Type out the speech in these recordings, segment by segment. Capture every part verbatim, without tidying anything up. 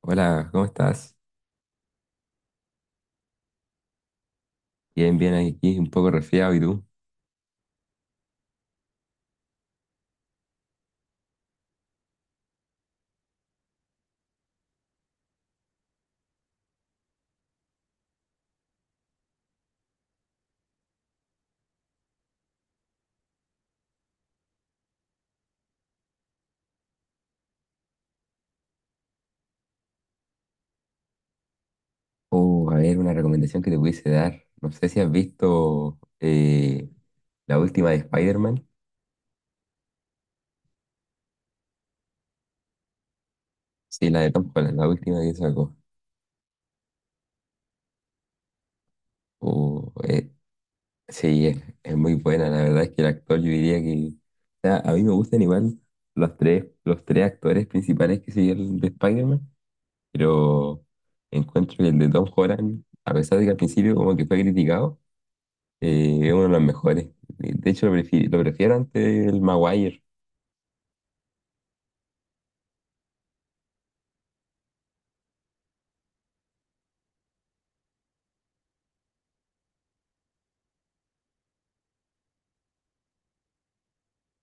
Hola, ¿cómo estás? Bien, bien, aquí un poco resfriado, ¿y tú? Oh, a ver, una recomendación que te pudiese dar. No sé si has visto eh, la última de Spider-Man. Sí, la de Tom Holland, la última que sacó. Oh, eh, sí, es, es muy buena. La verdad es que el actor, yo diría que o sea, a mí me gustan igual los tres, los tres actores principales que siguieron de Spider-Man, pero encuentro que el de Tom Holland, a pesar de que al principio como que fue criticado, Eh, es uno de los mejores. Eh, De hecho, lo prefiero, lo prefiero ante el Maguire.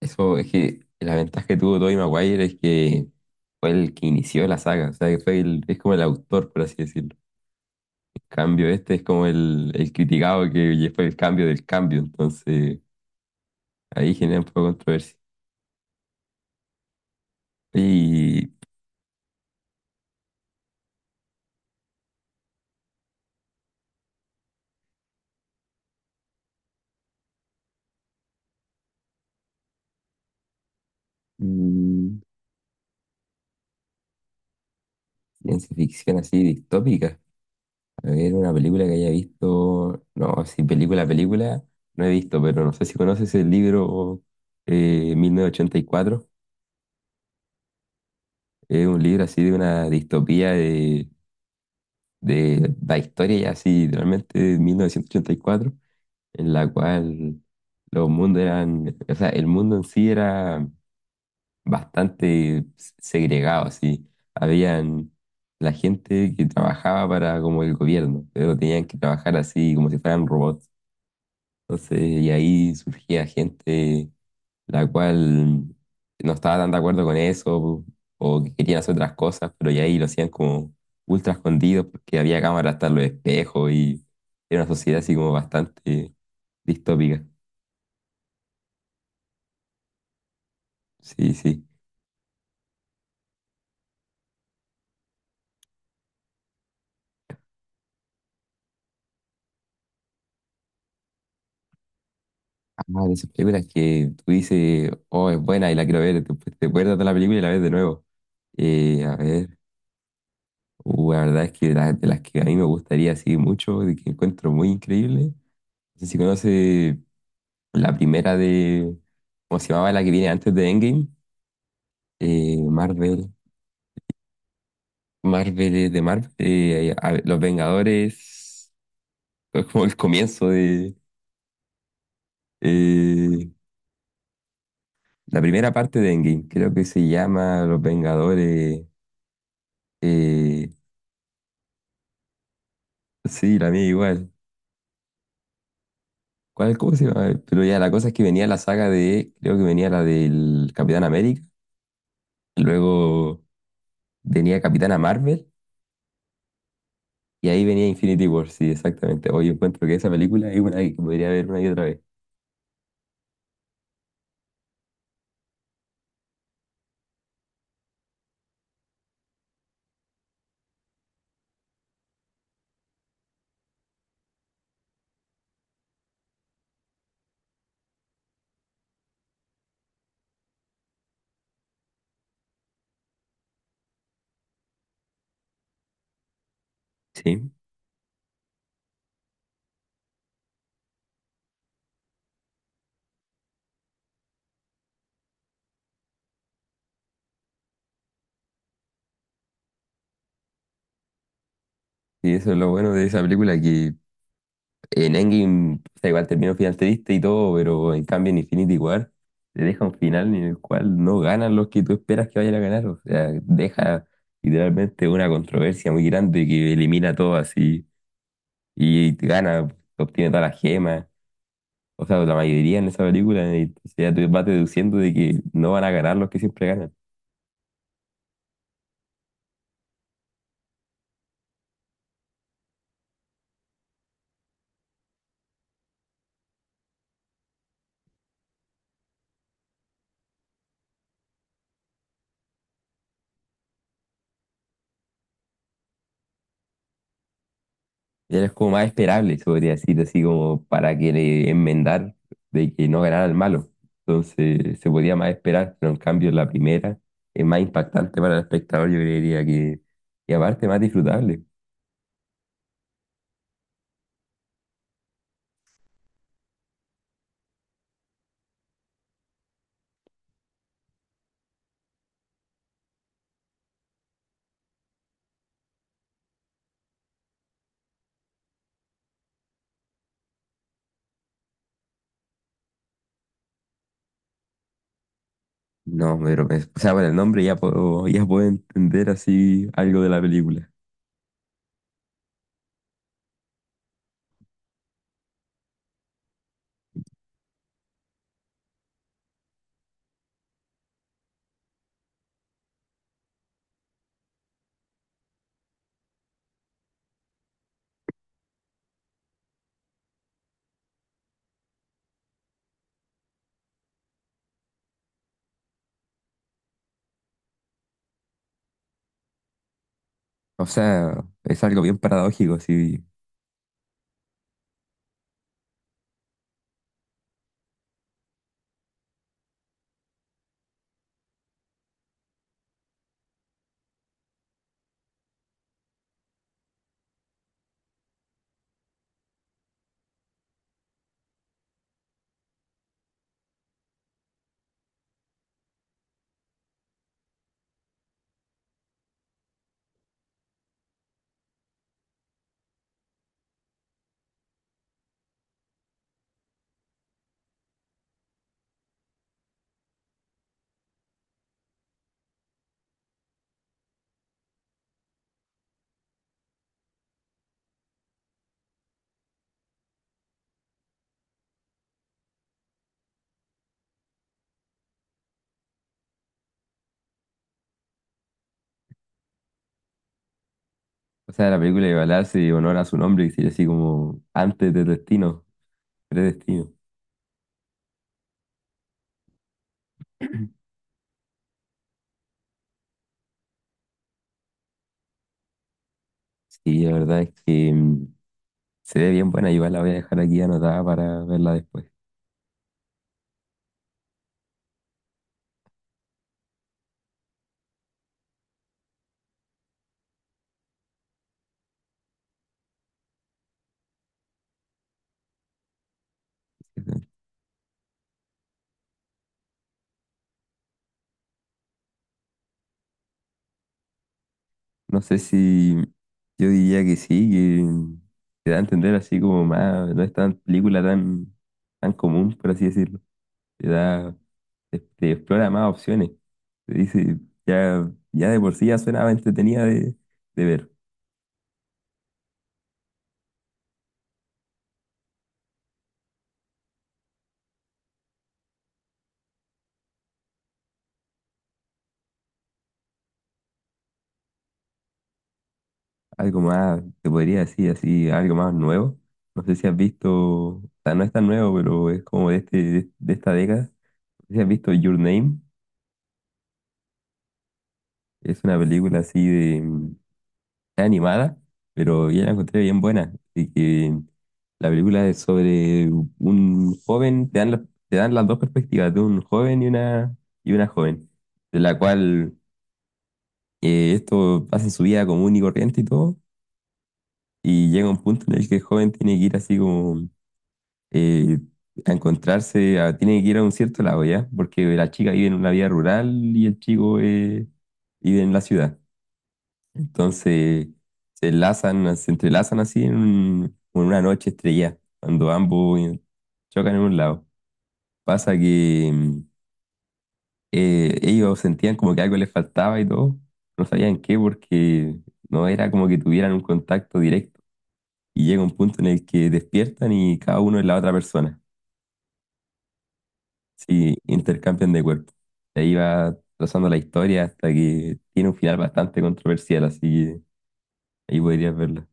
Eso es que la ventaja que tuvo Tobey Maguire es que fue el que inició la saga. O sea, que fue el, es como el autor, por así decirlo. En cambio, este es como el, el criticado que fue el cambio del cambio. Entonces, ahí genera un poco de controversia. Y mm, ciencia ficción así distópica. A ver, una película que haya visto. No, sí, película, película, no he visto, pero no sé si conoces el libro eh, mil novecientos ochenta y cuatro. Es un libro así de una distopía de, de la historia, ya así, literalmente de mil novecientos ochenta y cuatro, en la cual los mundos eran. O sea, el mundo en sí era bastante segregado, así. Habían la gente que trabajaba para como el gobierno, pero tenían que trabajar así como si fueran robots. Entonces, y ahí surgía gente la cual no estaba tan de acuerdo con eso o que querían hacer otras cosas, pero ya ahí lo hacían como ultra escondidos porque había cámaras hasta en los espejos y era una sociedad así como bastante distópica. Sí, sí. Ah, de esas películas que tú dices, oh, es buena y la quiero ver, después te acuerdas de la película y la ves de nuevo. Eh, a ver, uh, la verdad es que la- de las que a mí me gustaría así mucho, de que encuentro muy increíble. No sé si conoces la primera de, ¿cómo se llamaba? La que viene antes de Endgame. Eh, Marvel, Marvel eh, de Marvel. eh, a- Los Vengadores, es como el comienzo de eh, la primera parte de Endgame. Creo que se llama Los Vengadores. eh, sí, la mía igual. ¿Cuál, cómo se llama? Pero ya la cosa es que venía la saga de, creo que venía la del Capitán América, luego venía Capitana Marvel. Y ahí venía Infinity War, sí, exactamente. Hoy encuentro que esa película es una que podría ver una y otra vez. Sí, y eso es lo bueno de esa película, que en Endgame, o sea, igual terminó final triste y todo, pero en cambio en Infinity War te deja un final en el cual no ganan los que tú esperas que vayan a ganar, o sea, deja literalmente una controversia muy grande que elimina todo así y gana, obtiene todas las gemas, o sea, la mayoría en esa película, y entonces ya tú vas deduciendo de que no van a ganar los que siempre ganan. Ya era como más esperable, se podría decir, así como para que le enmendar de que no ganara el malo. Entonces se podía más esperar, pero en cambio la primera es más impactante para el espectador, yo creería que, y aparte más disfrutable. No, pero es- o sea, por el nombre ya puedo, ya puedo entender así algo de la película. O sea, es algo bien paradójico, así. O sea, la película igual hace honor a su nombre, que sería así como antes de destino, predestino. Sí, la verdad es que mm, se ve bien buena, igual la voy a dejar aquí anotada para verla después. No sé si yo diría que sí, que te da a entender así como más, no es tan película tan, tan común, por así decirlo. Te da, te, te explora más opciones. Te dice, ya, ya de por sí ya suena entretenida de, de ver. Algo más, te podría decir así, algo más nuevo. No sé si has visto, o sea, no es tan nuevo, pero es como de, este, de, de esta década. No sé si has visto Your Name. Es una película así de, era animada, pero yo la encontré bien buena. Así que la película es sobre un joven, te dan, la- te dan las dos perspectivas, de un joven y una, y una joven, de la cual eh, esto pasa en su vida común y corriente y todo, y llega un punto en el que el joven tiene que ir así como eh, a encontrarse, a- tiene que ir a un cierto lado, ¿ya? Porque la chica vive en una vida rural y el chico eh, vive en la ciudad. Entonces se enlazan, se entrelazan así en, un- en una noche estrellada, cuando ambos eh, chocan en un lado. Pasa que mm, eh, ellos sentían como que algo les faltaba y todo, no sabían qué porque no era como que tuvieran un contacto directo. Y llega un punto en el que despiertan y cada uno es la otra persona. Sí, intercambian de cuerpo. Y ahí va trazando la historia hasta que tiene un final bastante controversial, así que ahí podrías verla.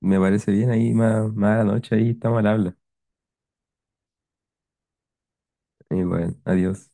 Me parece bien ahí, más, más a la noche, ahí estamos al habla. Y bueno, adiós.